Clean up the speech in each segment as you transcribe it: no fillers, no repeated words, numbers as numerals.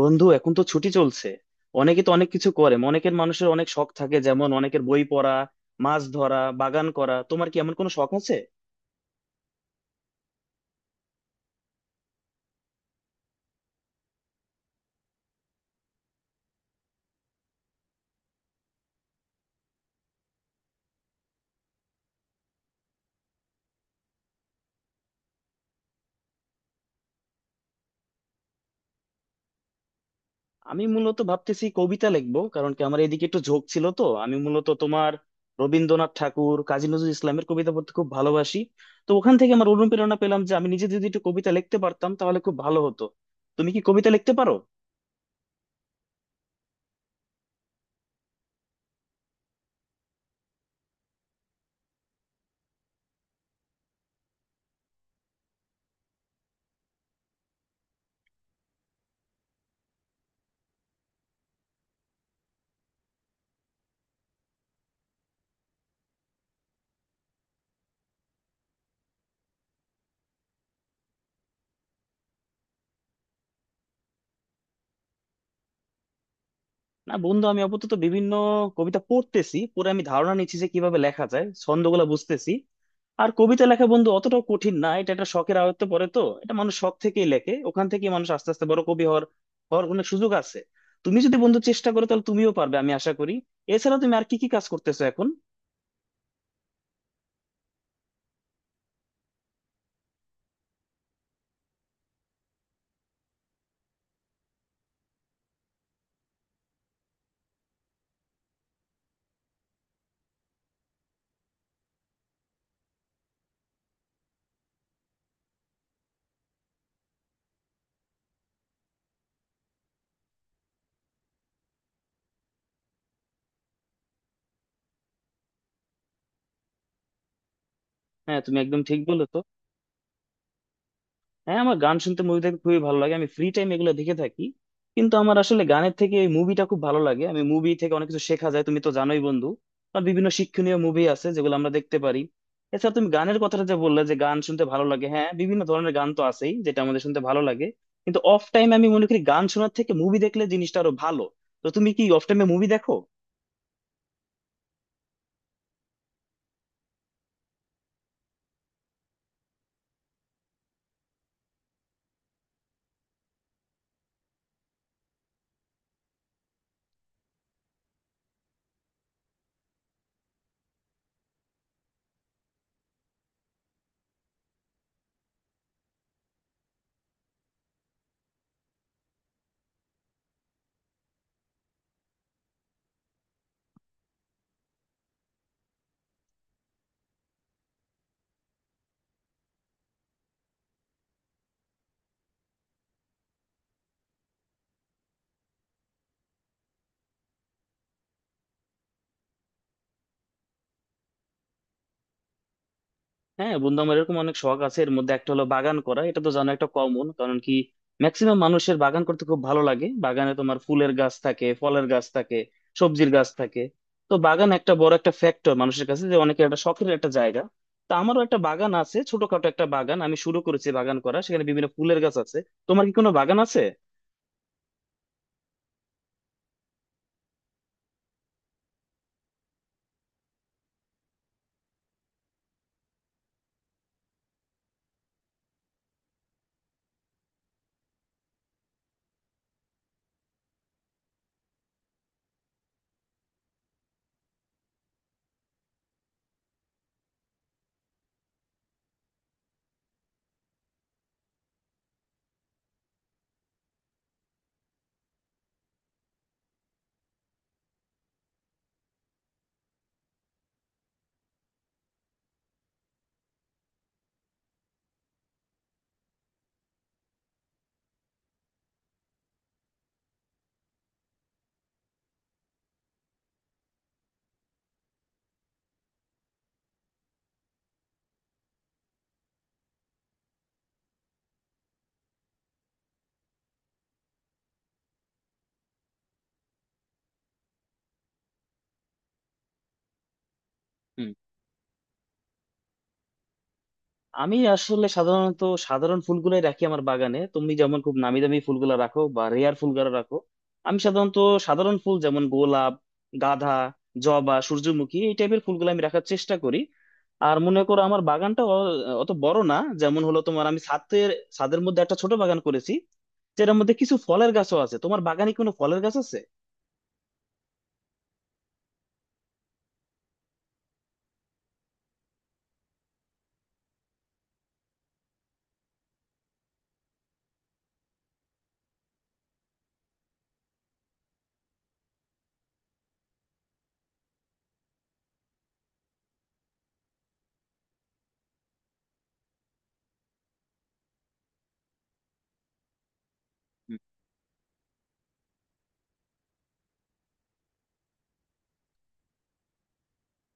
বন্ধু, এখন তো ছুটি চলছে। অনেকে তো অনেক কিছু করে, অনেকের মানুষের অনেক শখ থাকে, যেমন অনেকের বই পড়া, মাছ ধরা, বাগান করা। তোমার কি এমন কোনো শখ আছে? আমি মূলত ভাবতেছি কবিতা লিখবো, কারণ কি আমার এদিকে একটু ঝোঁক ছিল। তো আমি মূলত তোমার রবীন্দ্রনাথ ঠাকুর, কাজী নজরুল ইসলামের কবিতা পড়তে খুব ভালোবাসি। তো ওখান থেকে আমার অনুপ্রেরণা পেলাম যে আমি নিজে যদি একটু কবিতা লিখতে পারতাম তাহলে খুব ভালো হতো। তুমি কি কবিতা লিখতে পারো? না বন্ধু, আমি আপাতত বিভিন্ন কবিতা পড়তেছি, পরে আমি ধারণা নিচ্ছি যে কিভাবে লেখা যায়, ছন্দগুলো বুঝতেছি। আর কবিতা লেখা বন্ধু অতটাও কঠিন না, এটা একটা শখের আয়ত্তে পড়ে, তো এটা মানুষ শখ থেকেই লেখে, ওখান থেকেই মানুষ আস্তে আস্তে বড় কবি হওয়ার হওয়ার অনেক সুযোগ আছে। তুমি যদি বন্ধু চেষ্টা করো তাহলে তুমিও পারবে, আমি আশা করি। এছাড়া তুমি আর কি কি কাজ করতেছো এখন? হ্যাঁ, তুমি একদম ঠিক বলো। হ্যাঁ, আমার গান শুনতে, মুভি দেখতে খুবই ভালো লাগে, আমি ফ্রি টাইম এগুলো দেখে থাকি। কিন্তু আমার আসলে গানের থেকে এই মুভিটা খুব ভালো লাগে, আমি মুভি থেকে অনেক কিছু শেখা যায়, তুমি তো জানোই বন্ধু। আর বিভিন্ন শিক্ষণীয় মুভি আছে যেগুলো আমরা দেখতে পারি। এছাড়া তুমি গানের কথাটা যে বললে যে গান শুনতে ভালো লাগে, হ্যাঁ বিভিন্ন ধরনের গান তো আছেই যেটা আমাদের শুনতে ভালো লাগে। কিন্তু অফ টাইম আমি মনে করি গান শোনার থেকে মুভি দেখলে জিনিসটা আরো ভালো। তো তুমি কি অফ টাইমে মুভি দেখো? হ্যাঁ বন্ধু, আমার এরকম অনেক শখ আছে, এর মধ্যে একটা হলো বাগান করা, এটা তো জানো একটা কমন, কারণ কি ম্যাক্সিমাম মানুষের বাগান করতে খুব ভালো লাগে। বাগানে তোমার ফুলের গাছ থাকে, ফলের গাছ থাকে, সবজির গাছ থাকে। তো বাগান একটা বড় একটা ফ্যাক্টর মানুষের কাছে, যে অনেকের একটা শখের একটা জায়গা। তো আমারও একটা বাগান আছে, ছোটখাটো একটা বাগান আমি শুরু করেছি বাগান করা, সেখানে বিভিন্ন ফুলের গাছ আছে। তোমার কি কোনো বাগান আছে? আমি আসলে সাধারণত সাধারণ ফুলগুলাই রাখি আমার বাগানে। তুমি যেমন খুব নামি দামি ফুলগুলো রাখো বা রেয়ার ফুলগুলো রাখো, আমি সাধারণত সাধারণ ফুল যেমন গোলাপ, গাঁদা, জবা, সূর্যমুখী এই টাইপের ফুলগুলো আমি রাখার চেষ্টা করি। আর মনে করো আমার বাগানটা অত বড় না যেমন হলো তোমার, আমি ছাদের ছাদের মধ্যে একটা ছোট বাগান করেছি, যেটার মধ্যে কিছু ফলের গাছও আছে। তোমার বাগানে কোনো ফলের গাছ আছে?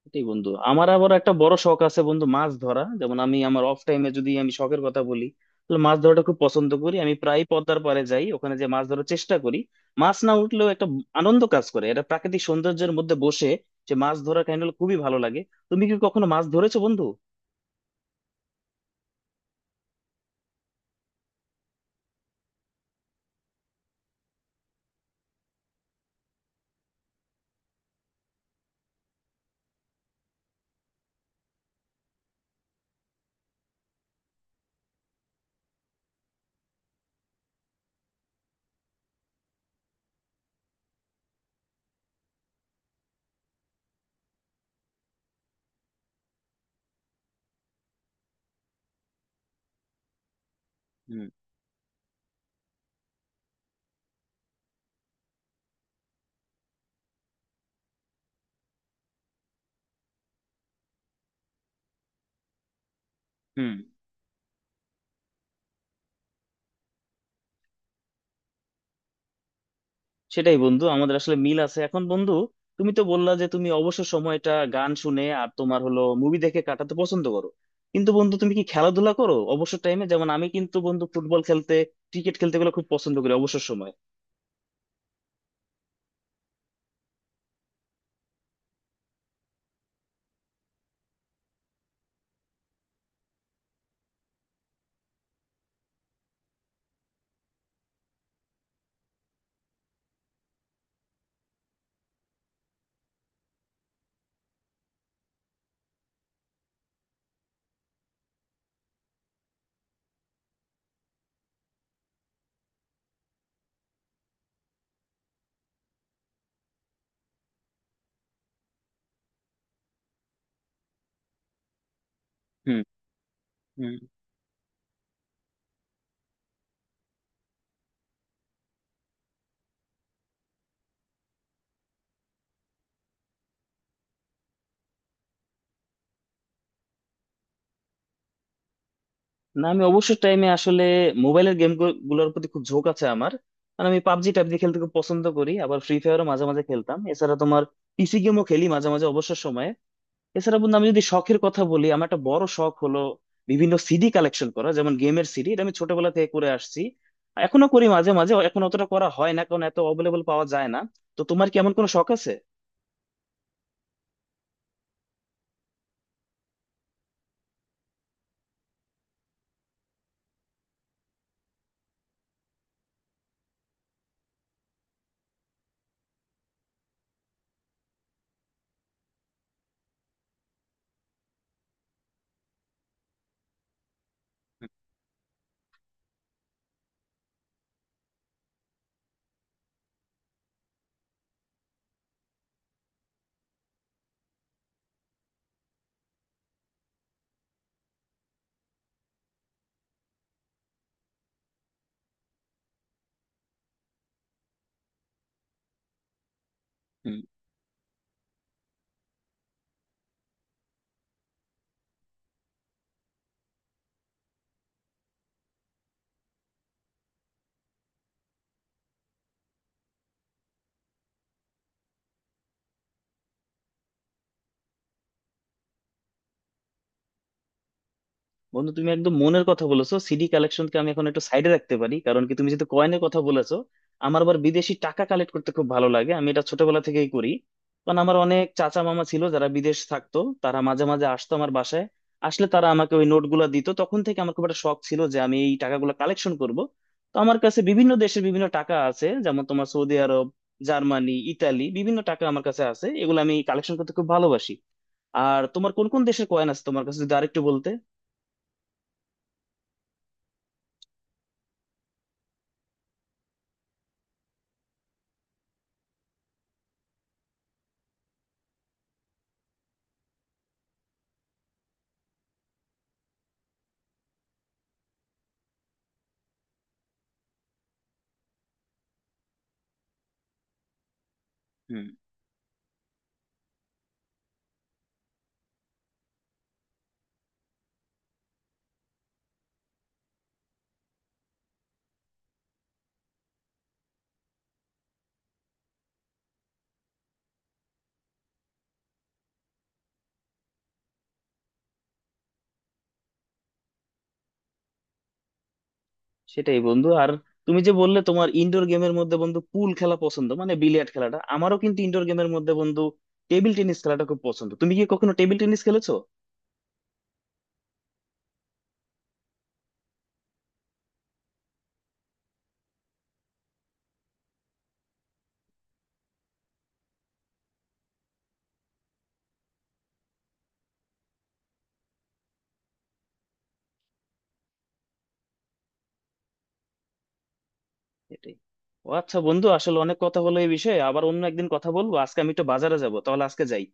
এটাই বন্ধু, আমার আবার একটা বড় শখ আছে বন্ধু, মাছ ধরা। যেমন আমি আমার অফ টাইমে যদি আমি শখের কথা বলি তাহলে মাছ ধরাটা খুব পছন্দ করি। আমি প্রায় পদ্মার পাড়ে যাই, ওখানে যে মাছ ধরার চেষ্টা করি। মাছ না উঠলেও একটা আনন্দ কাজ করে, এটা প্রাকৃতিক সৌন্দর্যের মধ্যে বসে যে মাছ ধরা কাহিনীগুলো খুবই ভালো লাগে। তুমি কি কখনো মাছ ধরেছো বন্ধু? হুম, হুম। সেটাই বন্ধু, আমাদের আসলে মিল আছে। এখন বন্ধু, তুমি তো বললা যে তুমি অবসর সময়টা গান শুনে আর তোমার হলো মুভি দেখে কাটাতে পছন্দ করো। কিন্তু বন্ধু, তুমি কি খেলাধুলা করো অবসর টাইমে? যেমন আমি কিন্তু বন্ধু ফুটবল খেলতে, ক্রিকেট খেলতে গুলো খুব পছন্দ করি অবসর সময়। হুম, হুম। না, আমি অবসর টাইমে আসলে মোবাইলের গেম গুলোর প্রতি খুব ঝোঁক আছে আমার, মানে আমি পাবজি টাবজি খেলতে খুব পছন্দ করি, আবার ফ্রি ফায়ারও মাঝে মাঝে খেলতাম। এছাড়া তোমার পিসি গেমও খেলি মাঝে মাঝে অবসর সময়ে। এছাড়া বন্ধু, আমি যদি শখের কথা বলি, আমার একটা বড় শখ হলো বিভিন্ন সিডি কালেকশন করা, যেমন গেমের সিডি। এটা আমি ছোটবেলা থেকে করে আসছি, এখনো করি মাঝে মাঝে, এখন অতটা করা হয় না কারণ এত অ্যাভেলেবল পাওয়া যায় না। তো তোমার কি এমন কোনো শখ আছে? বন্ধু তুমি একদম মনের কথা বলেছো। সিডি কালেকশনকে আমি এখন একটু সাইডে রাখতে পারি, কারণ কি তুমি যেহেতু কয়েনের কথা বলেছো, আমার আবার বিদেশি টাকা কালেক্ট করতে খুব ভালো লাগে। আমি এটা ছোটবেলা থেকেই করি, কারণ আমার অনেক চাচা মামা ছিল যারা বিদেশ থাকতো, তারা মাঝে মাঝে আসতো আমার বাসায়। আসলে তারা আমাকে ওই নোটগুলো দিত, তখন থেকে আমার খুব একটা শখ ছিল যে আমি এই টাকাগুলো কালেকশন করব। তো আমার কাছে বিভিন্ন দেশের বিভিন্ন টাকা আছে, যেমন তোমার সৌদি আরব, জার্মানি, ইতালি, বিভিন্ন টাকা আমার কাছে আছে, এগুলো আমি কালেকশন করতে খুব ভালোবাসি। আর তোমার কোন কোন দেশের কয়েন আছে তোমার কাছে যদি আরেকটু বলতে। হুম। সেটাই বন্ধু। আর তুমি যে বললে তোমার ইনডোর গেমের মধ্যে বন্ধু পুল খেলা পছন্দ, মানে বিলিয়ার্ড খেলাটা, আমারও কিন্তু ইনডোর গেমের মধ্যে বন্ধু টেবিল টেনিস খেলাটা খুব পছন্দ। তুমি কি কখনো টেবিল টেনিস খেলেছো? এটাই। ও আচ্ছা বন্ধু, আসলে অনেক কথা হলো এই বিষয়ে, আবার অন্য একদিন কথা বলবো। আজকে আমি একটু বাজারে যাবো, তাহলে আজকে যাই।